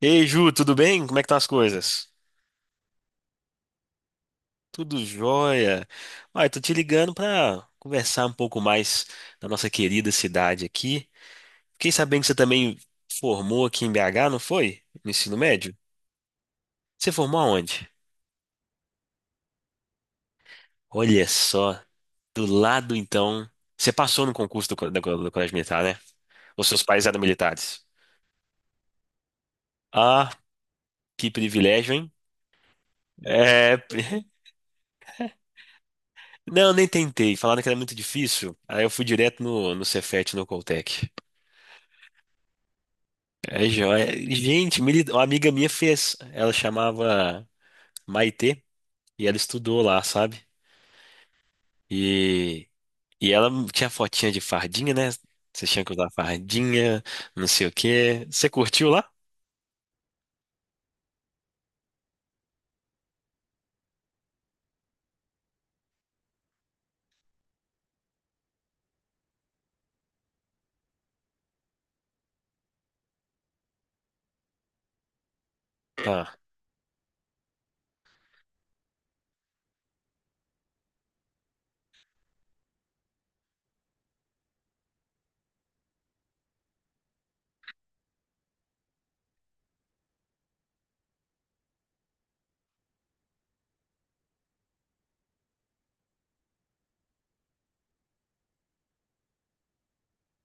Ei, Ju, tudo bem? Como é que estão as coisas? Tudo jóia. Olha, tô te ligando para conversar um pouco mais da nossa querida cidade aqui. Fiquei sabendo que você também formou aqui em BH, não foi? No ensino médio? Você formou aonde? Olha só, do lado então. Você passou no concurso do Colégio Militar, né? Os seus pais eram militares. Ah, que privilégio, hein? É. Não, nem tentei. Falaram que era muito difícil. Aí eu fui direto no Cefet, no Coltec. É joia. Gente, uma amiga minha fez. Ela chamava Maitê e ela estudou lá, sabe? E, e ela tinha fotinha de fardinha, né? Você tinha que usar fardinha, não sei o quê. Você curtiu lá? Ah,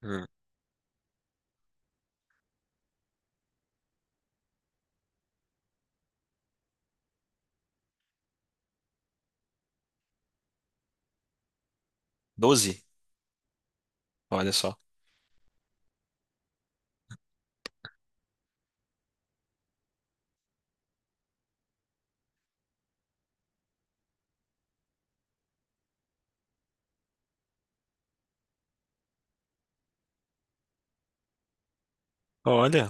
hum, 12? Olha só. Olha.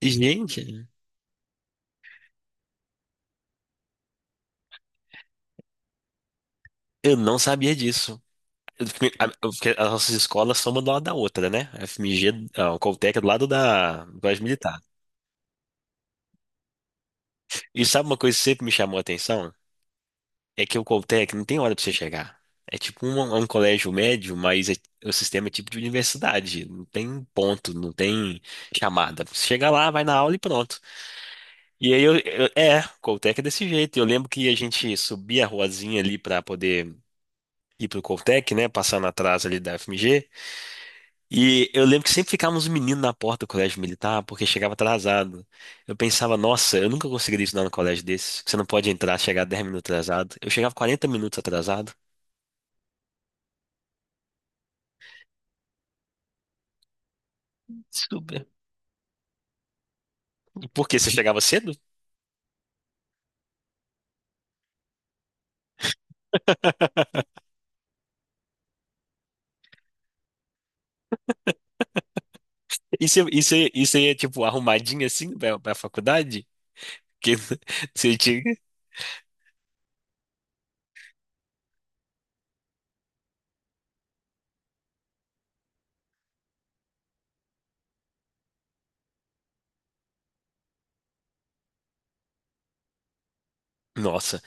E gente, eu não sabia disso. Porque as nossas escolas são uma do lado da outra, né? A FMG, a Coltec é do lado da do Colégio Militar. E sabe uma coisa que sempre me chamou a atenção? É que o Coltec não tem hora pra você chegar. É um colégio médio, mas o sistema é tipo de universidade. Não tem ponto, não tem chamada. Você chega lá, vai na aula e pronto. E aí o Coltec é desse jeito. Eu lembro que a gente subia a ruazinha ali pra poder ir pro Coltec, né? Passando atrás ali da FMG. E eu lembro que sempre ficavam uns meninos na porta do Colégio Militar, porque chegava atrasado. Eu pensava, nossa, eu nunca conseguiria estudar no colégio desse. Você não pode entrar, chegar 10 minutos atrasado. Eu chegava 40 minutos atrasado. Super. Porque você chegava cedo? E você ia, tipo, arrumadinha assim pra faculdade? Que você tinha. Nossa.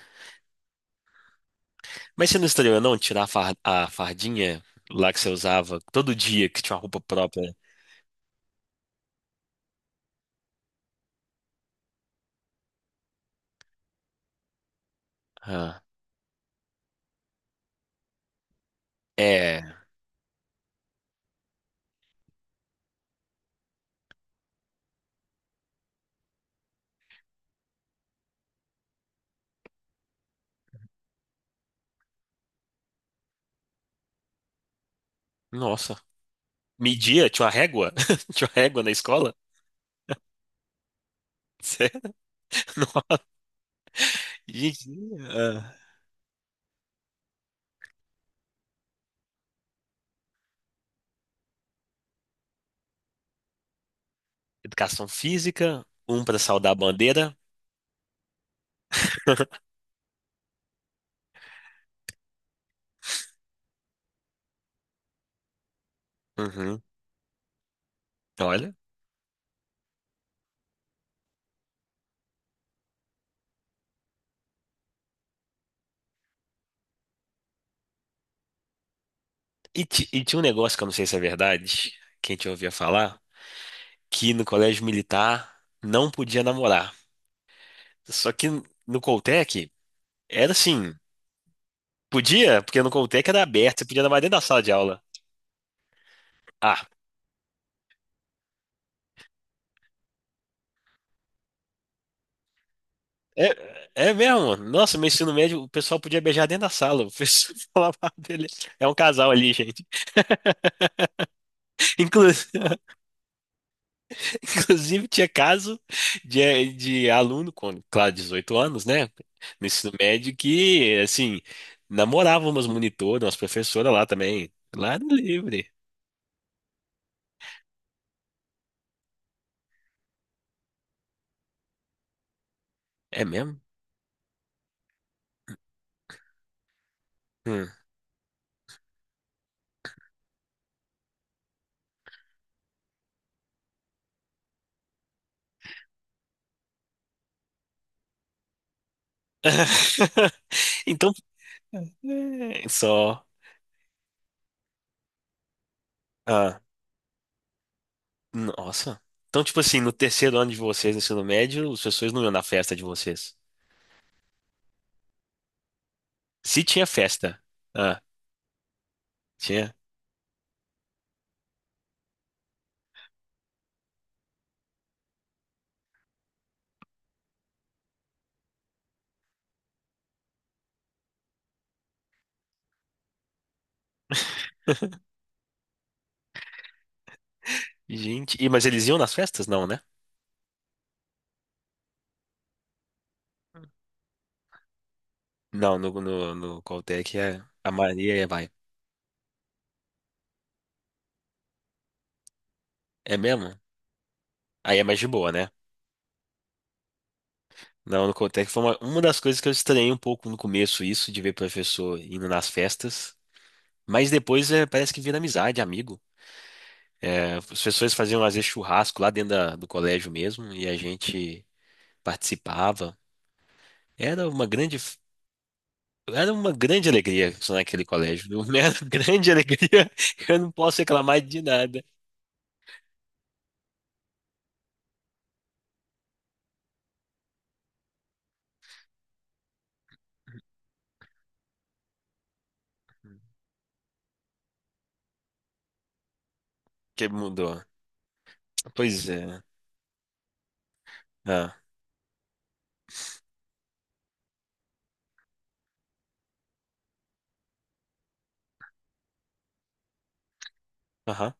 Mas você não estranhou não tirar a a fardinha lá que você usava todo dia, que tinha uma roupa própria? Ah, é. Nossa. Media? Tinha uma régua? Tinha uma régua na escola? Sério? Nossa. Gente, ah. Educação física, um pra saudar a bandeira. Uhum. Olha. E e tinha um negócio que eu não sei se é verdade, que a gente ouvia falar, que no colégio militar não podia namorar. Só que no Coltec era assim, podia, porque no Coltec era aberto, você podia namorar dentro da sala de aula. Ah, é, é mesmo. Nossa, meu ensino médio, o pessoal podia beijar dentro da sala. O pessoal falava, "Ah, beleza. É um casal ali, gente." Inclu- Inclusive, tinha caso de aluno, com, claro, 18 anos, né? No ensino médio, que, assim, namorava umas monitoras, umas professoras lá também. Lá no livre. É mesmo? Hum. Então, é, só. Ah, nossa. Então, tipo assim, no terceiro ano de vocês, no ensino médio, os professores não iam na festa de vocês. Se tinha festa. Ah, tinha. Gente. Mas eles iam nas festas? Não, né? Não, no Coltec é, a Maria é, vai. É mesmo? Aí é mais de boa, né? Não, no Coltec foi uma das coisas que eu estranhei um pouco no começo, isso de ver professor indo nas festas. Mas depois é, parece que vira amizade, amigo. É, os professores faziam às vezes churrasco lá dentro do colégio mesmo e a gente participava. Era uma grande, era uma grande alegria estar naquele colégio, viu? Era uma grande alegria. Eu não posso reclamar de nada. Que mudou. Pois é, né? Ah, aham.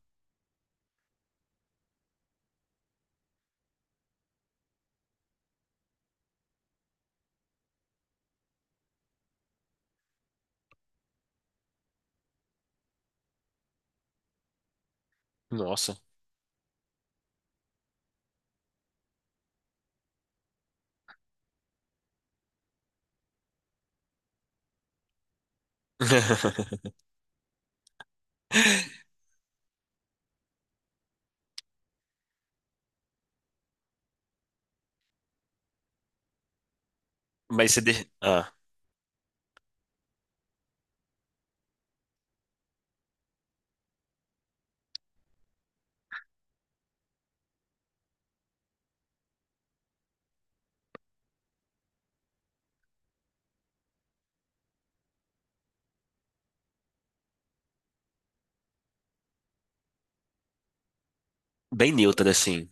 Nossa. Mas bem neutra assim.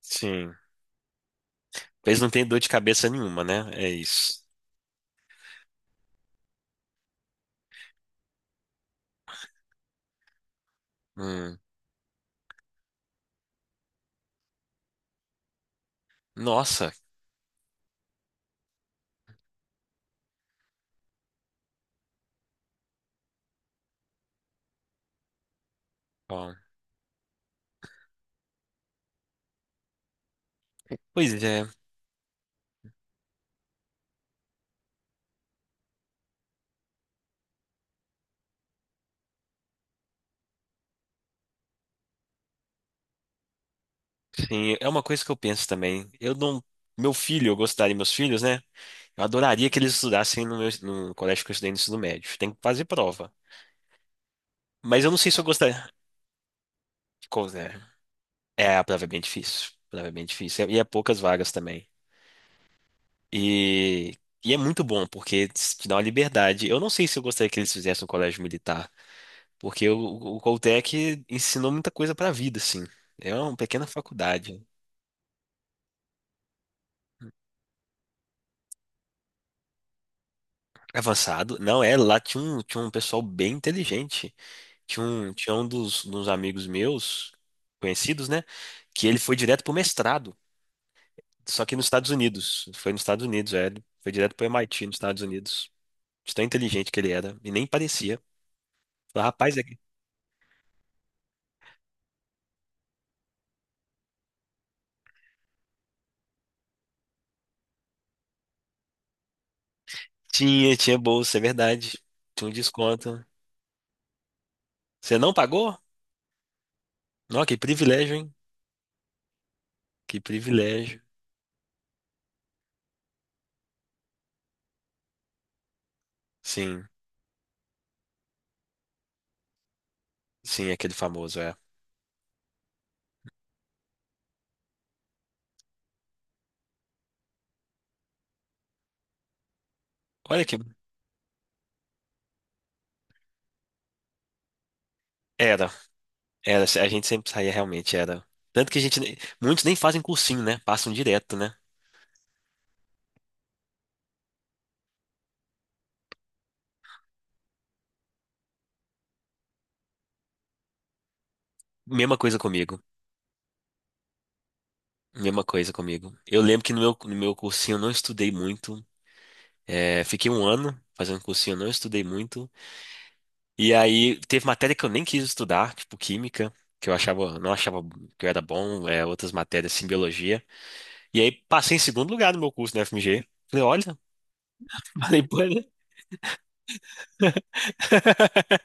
Sim. Eles não têm dor de cabeça nenhuma, né? É isso. Hum. Nossa. Bom. Pois é. Sim, é uma coisa que eu penso também. Eu não. Meu filho, eu gostaria, meus filhos, né? Eu adoraria que eles estudassem no colégio que eu estudei no ensino médio. Tem que fazer prova. Mas eu não sei se eu gostaria. É, é, a prova é bem difícil. A prova é bem difícil. E é poucas vagas também. E, e é muito bom, porque te dá uma liberdade. Eu não sei se eu gostaria que eles fizessem um colégio militar, porque o Coltec ensinou muita coisa pra vida, assim. É uma pequena faculdade. Avançado. Não, lá tinha um, pessoal bem inteligente. Tinha um dos amigos meus, conhecidos, né? Que ele foi direto pro mestrado, só que nos Estados Unidos. Foi nos Estados Unidos, é. Ele foi direto pro MIT nos Estados Unidos. De tão inteligente que ele era. E nem parecia. Falei, rapaz, tinha bolsa, é verdade. Tinha um desconto. Você não pagou? Não, que privilégio, hein? Que privilégio. Sim, sim, aquele famoso, é. Olha que. Era, era. A gente sempre saía realmente, era. Tanto que a gente. Nem- Muitos nem fazem cursinho, né? Passam direto, né? Mesma coisa comigo. Mesma coisa comigo. Eu lembro que no meu cursinho eu não estudei muito. É, fiquei um ano fazendo cursinho, eu não estudei muito. E aí teve matéria que eu nem quis estudar, tipo química, que eu achava, não achava que eu era bom, é, outras matérias, assim, biologia. E aí passei em segundo lugar no meu curso na FMG. Falei, olha, falei, pô, né?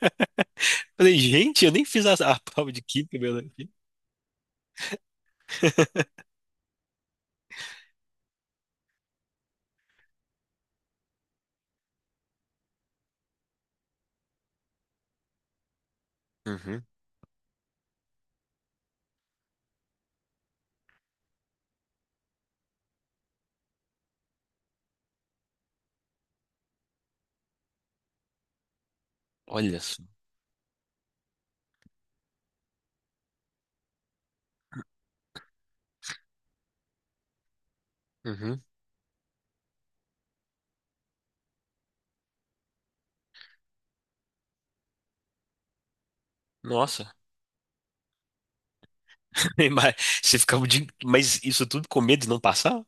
Falei, gente, eu nem fiz a prova de química, e biologia. Uhum. Olha só. Uhum. Nossa. Mas Mas isso tudo com medo de não passar?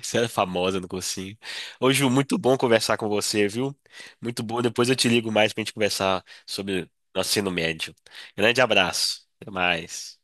Isso era famosa no cursinho. Ô, Ju, muito bom conversar com você, viu? Muito bom. Depois eu te ligo mais pra gente conversar sobre nosso ensino médio. Grande abraço. Até mais.